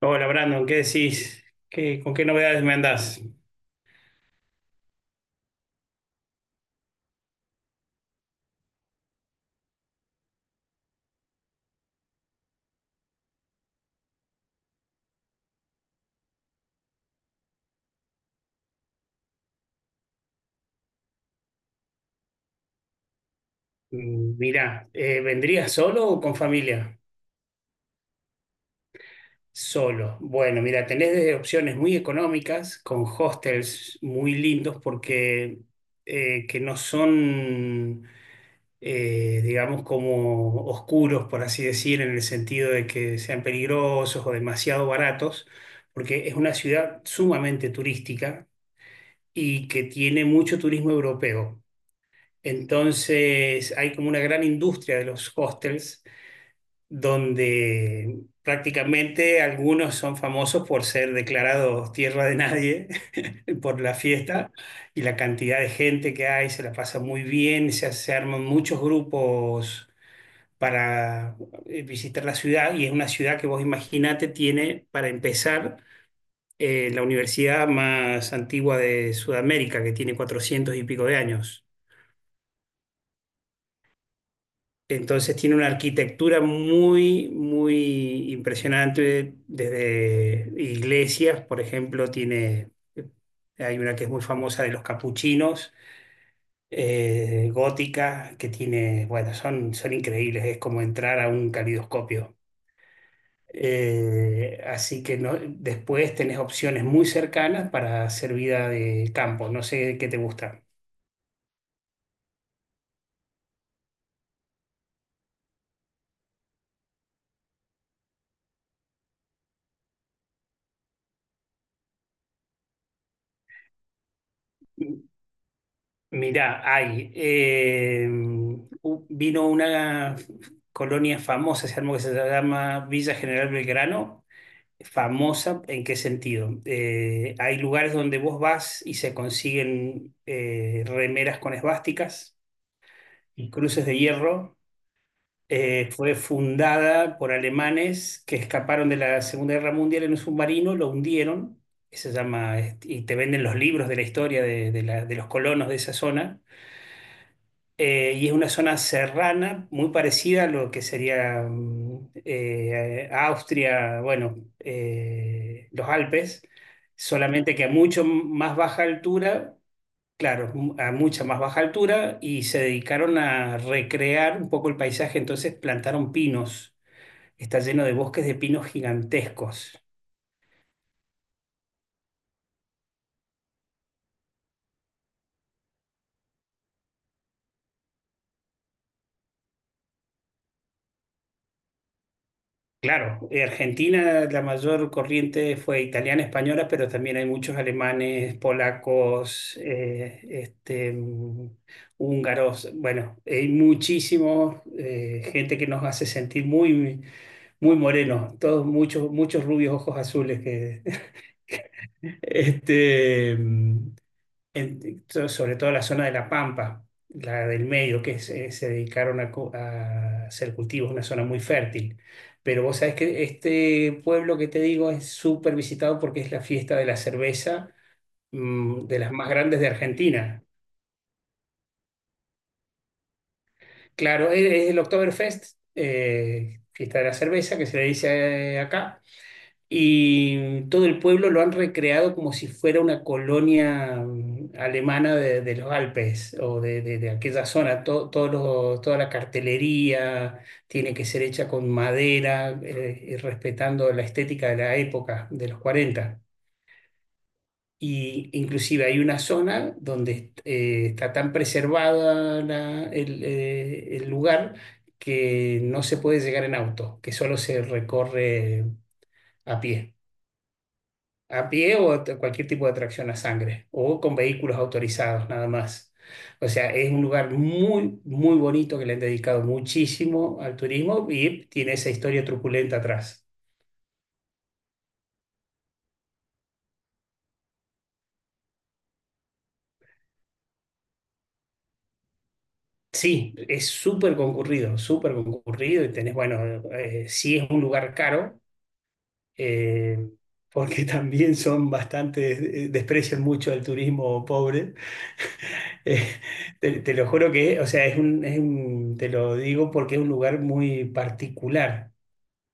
Hola Brandon, ¿qué decís? ¿Con qué novedades me andás? Mm, mirá, ¿vendrías solo o con familia? Solo. Bueno, mira, tenés desde opciones muy económicas, con hostels muy lindos porque que no son, digamos, como oscuros, por así decir, en el sentido de que sean peligrosos o demasiado baratos, porque es una ciudad sumamente turística y que tiene mucho turismo europeo. Entonces hay como una gran industria de los hostels donde prácticamente algunos son famosos por ser declarados tierra de nadie por la fiesta y la cantidad de gente que hay, se la pasa muy bien, se arman muchos grupos para visitar la ciudad, y es una ciudad que vos imaginate tiene, para empezar, la universidad más antigua de Sudamérica, que tiene 400 y pico de años. Entonces tiene una arquitectura muy, muy impresionante desde iglesias. Por ejemplo, tiene, hay una que es muy famosa, de los capuchinos, gótica, que tiene, bueno, son increíbles, es como entrar a un calidoscopio. Así que no- Después tenés opciones muy cercanas para hacer vida de campo, no sé qué te gusta. Mirá, vino una colonia famosa, se armó, que se llama Villa General Belgrano. Famosa, ¿en qué sentido? Hay lugares donde vos vas y se consiguen remeras con esvásticas y cruces de hierro. Fue fundada por alemanes que escaparon de la Segunda Guerra Mundial en un submarino, lo hundieron. Que se llama, este, y te venden los libros de la historia de los colonos de esa zona, y es una zona serrana muy parecida a lo que sería Austria, bueno, los Alpes, solamente que a mucho más baja altura, claro, a mucha más baja altura, y se dedicaron a recrear un poco el paisaje, entonces plantaron pinos. Está lleno de bosques de pinos gigantescos. Claro, Argentina, la mayor corriente fue italiana, española, pero también hay muchos alemanes, polacos, húngaros. Bueno, hay muchísimo gente que nos hace sentir muy, muy morenos, todos muchos, muchos rubios, ojos azules que, este, mm, sobre todo la zona de La Pampa, la del medio, que se dedicaron a, a hacer cultivos, una zona muy fértil. Pero vos sabés que este pueblo que te digo es súper visitado porque es la fiesta de la cerveza, mm, de las más grandes de Argentina. Claro, es el Oktoberfest, fiesta de la cerveza, que se le dice acá. Y todo el pueblo lo han recreado como si fuera una colonia mm, alemana de, los Alpes o de aquella zona. Toda la cartelería tiene que ser hecha con madera, y respetando la estética de la época, de los 40. Y inclusive hay una zona donde está tan preservada el lugar, que no se puede llegar en auto, que solo se recorre a pie. A pie o a cualquier tipo de tracción a sangre o con vehículos autorizados nada más. O sea, es un lugar muy, muy bonito, que le han dedicado muchísimo al turismo y tiene esa historia truculenta atrás. Sí, es súper concurrido, súper concurrido, y tenés, bueno, sí, es un lugar caro, eh, porque también son bastante, desprecian mucho al turismo pobre. Eh, te lo juro que, o sea, te lo digo porque es un lugar muy particular.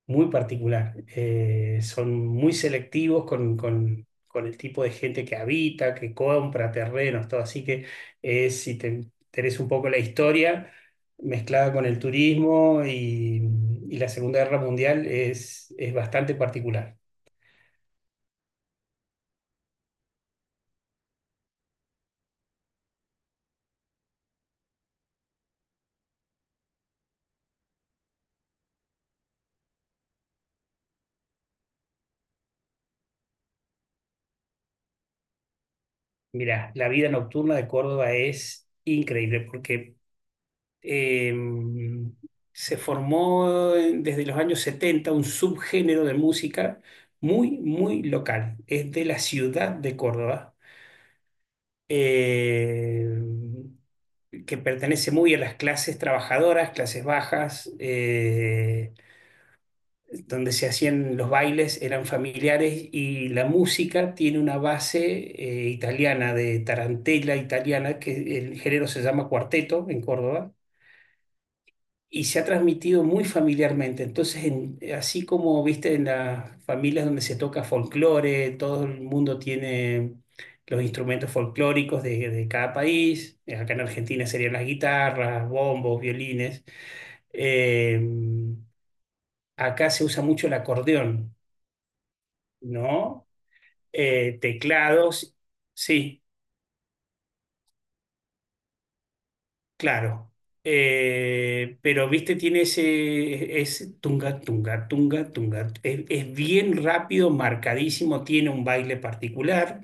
Muy particular. Son muy selectivos con, con el tipo de gente que habita, que compra terrenos, todo. Así que si te interesa un poco la historia mezclada con el turismo y la Segunda Guerra Mundial, es bastante particular. Mirá, la vida nocturna de Córdoba es increíble porque Eh, se formó desde los años 70 un subgénero de música muy, muy local. Es de la ciudad de Córdoba, eh, que pertenece muy a las clases trabajadoras, clases bajas, donde se hacían los bailes, eran familiares, y la música tiene una base italiana, de tarantela italiana, que el género se llama cuarteto en Córdoba, y se ha transmitido muy familiarmente. Entonces, así como viste en las familias donde se toca folclore, todo el mundo tiene los instrumentos folclóricos de cada país. Acá en Argentina serían las guitarras, bombos, violines. Eh, Acá se usa mucho el acordeón, ¿no? Teclados, sí. Claro, pero viste, tiene ese, es tunga, tunga, tunga, tunga. Es bien rápido, marcadísimo, tiene un baile particular.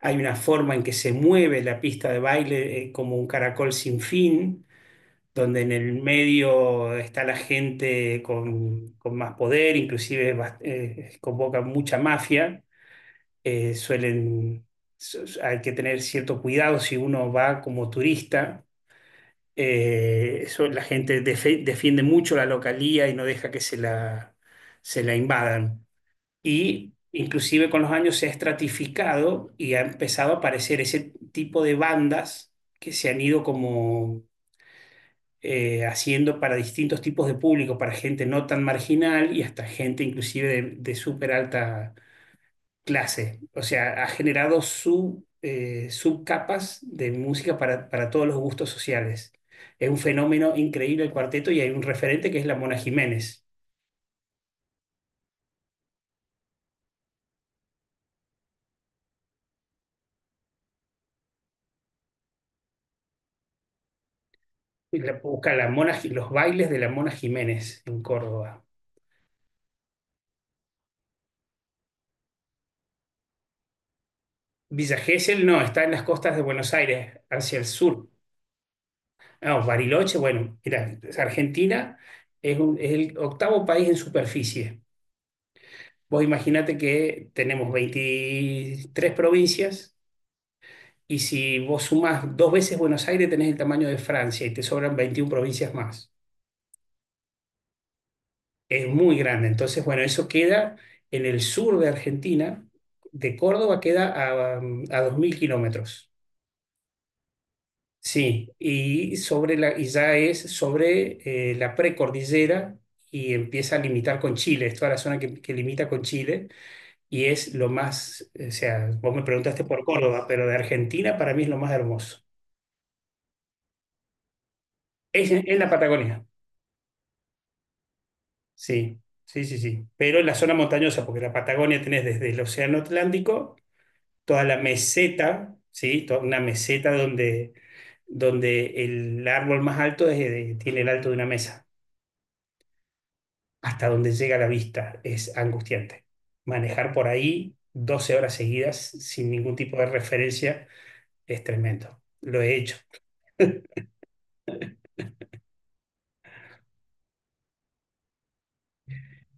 Hay una forma en que se mueve la pista de baile, como un caracol sin fin, donde en el medio está la gente con más poder, inclusive convoca mucha mafia. Eh, suelen, hay que tener cierto cuidado si uno va como turista, la gente defiende mucho la localía y no deja que se la invadan. Y inclusive con los años se ha estratificado y ha empezado a aparecer ese tipo de bandas que se han ido como haciendo para distintos tipos de público, para gente no tan marginal y hasta gente inclusive de súper alta clase. O sea, ha generado subcapas de música para todos los gustos sociales. Es un fenómeno increíble el cuarteto, y hay un referente que es la Mona Jiménez. Busca la Mona, los bailes de la Mona Jiménez en Córdoba. Villa Gesell no, está en las costas de Buenos Aires, hacia el sur. No, Bariloche, bueno, mira, Argentina es el octavo país en superficie. Vos imaginate que tenemos 23 provincias. Y si vos sumás dos veces Buenos Aires, tenés el tamaño de Francia y te sobran 21 provincias más. Es muy grande. Entonces, bueno, eso queda en el sur de Argentina. De Córdoba queda a, mm, a 2.000 kilómetros. Sí, y, y ya es sobre la precordillera y empieza a limitar con Chile. Es toda la zona que limita con Chile, y es lo más, o sea, vos me preguntaste por Córdoba, pero de Argentina para mí es lo más hermoso. Es la Patagonia. Sí, sí, sí, sí. Pero en la zona montañosa, porque la Patagonia tenés desde el Océano Atlántico, toda la meseta, ¿sí? Toda una meseta donde, donde el árbol más alto tiene el alto de una mesa, hasta donde llega la vista. Es angustiante. Manejar por ahí 12 horas seguidas sin ningún tipo de referencia es tremendo. Lo he hecho.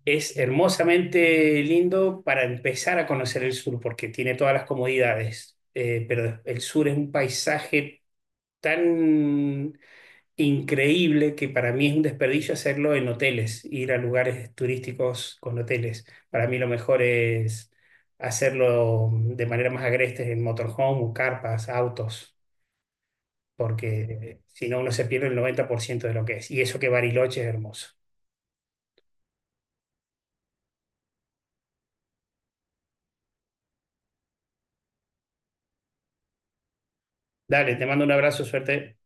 Es hermosamente lindo para empezar a conocer el sur, porque tiene todas las comodidades, pero el sur es un paisaje tan increíble que para mí es un desperdicio hacerlo en hoteles, ir a lugares turísticos con hoteles. Para mí lo mejor es hacerlo de manera más agreste en motorhome o carpas, autos, porque si no uno se pierde el 90% de lo que es. Y eso que Bariloche es hermoso. Dale, te mando un abrazo, suerte.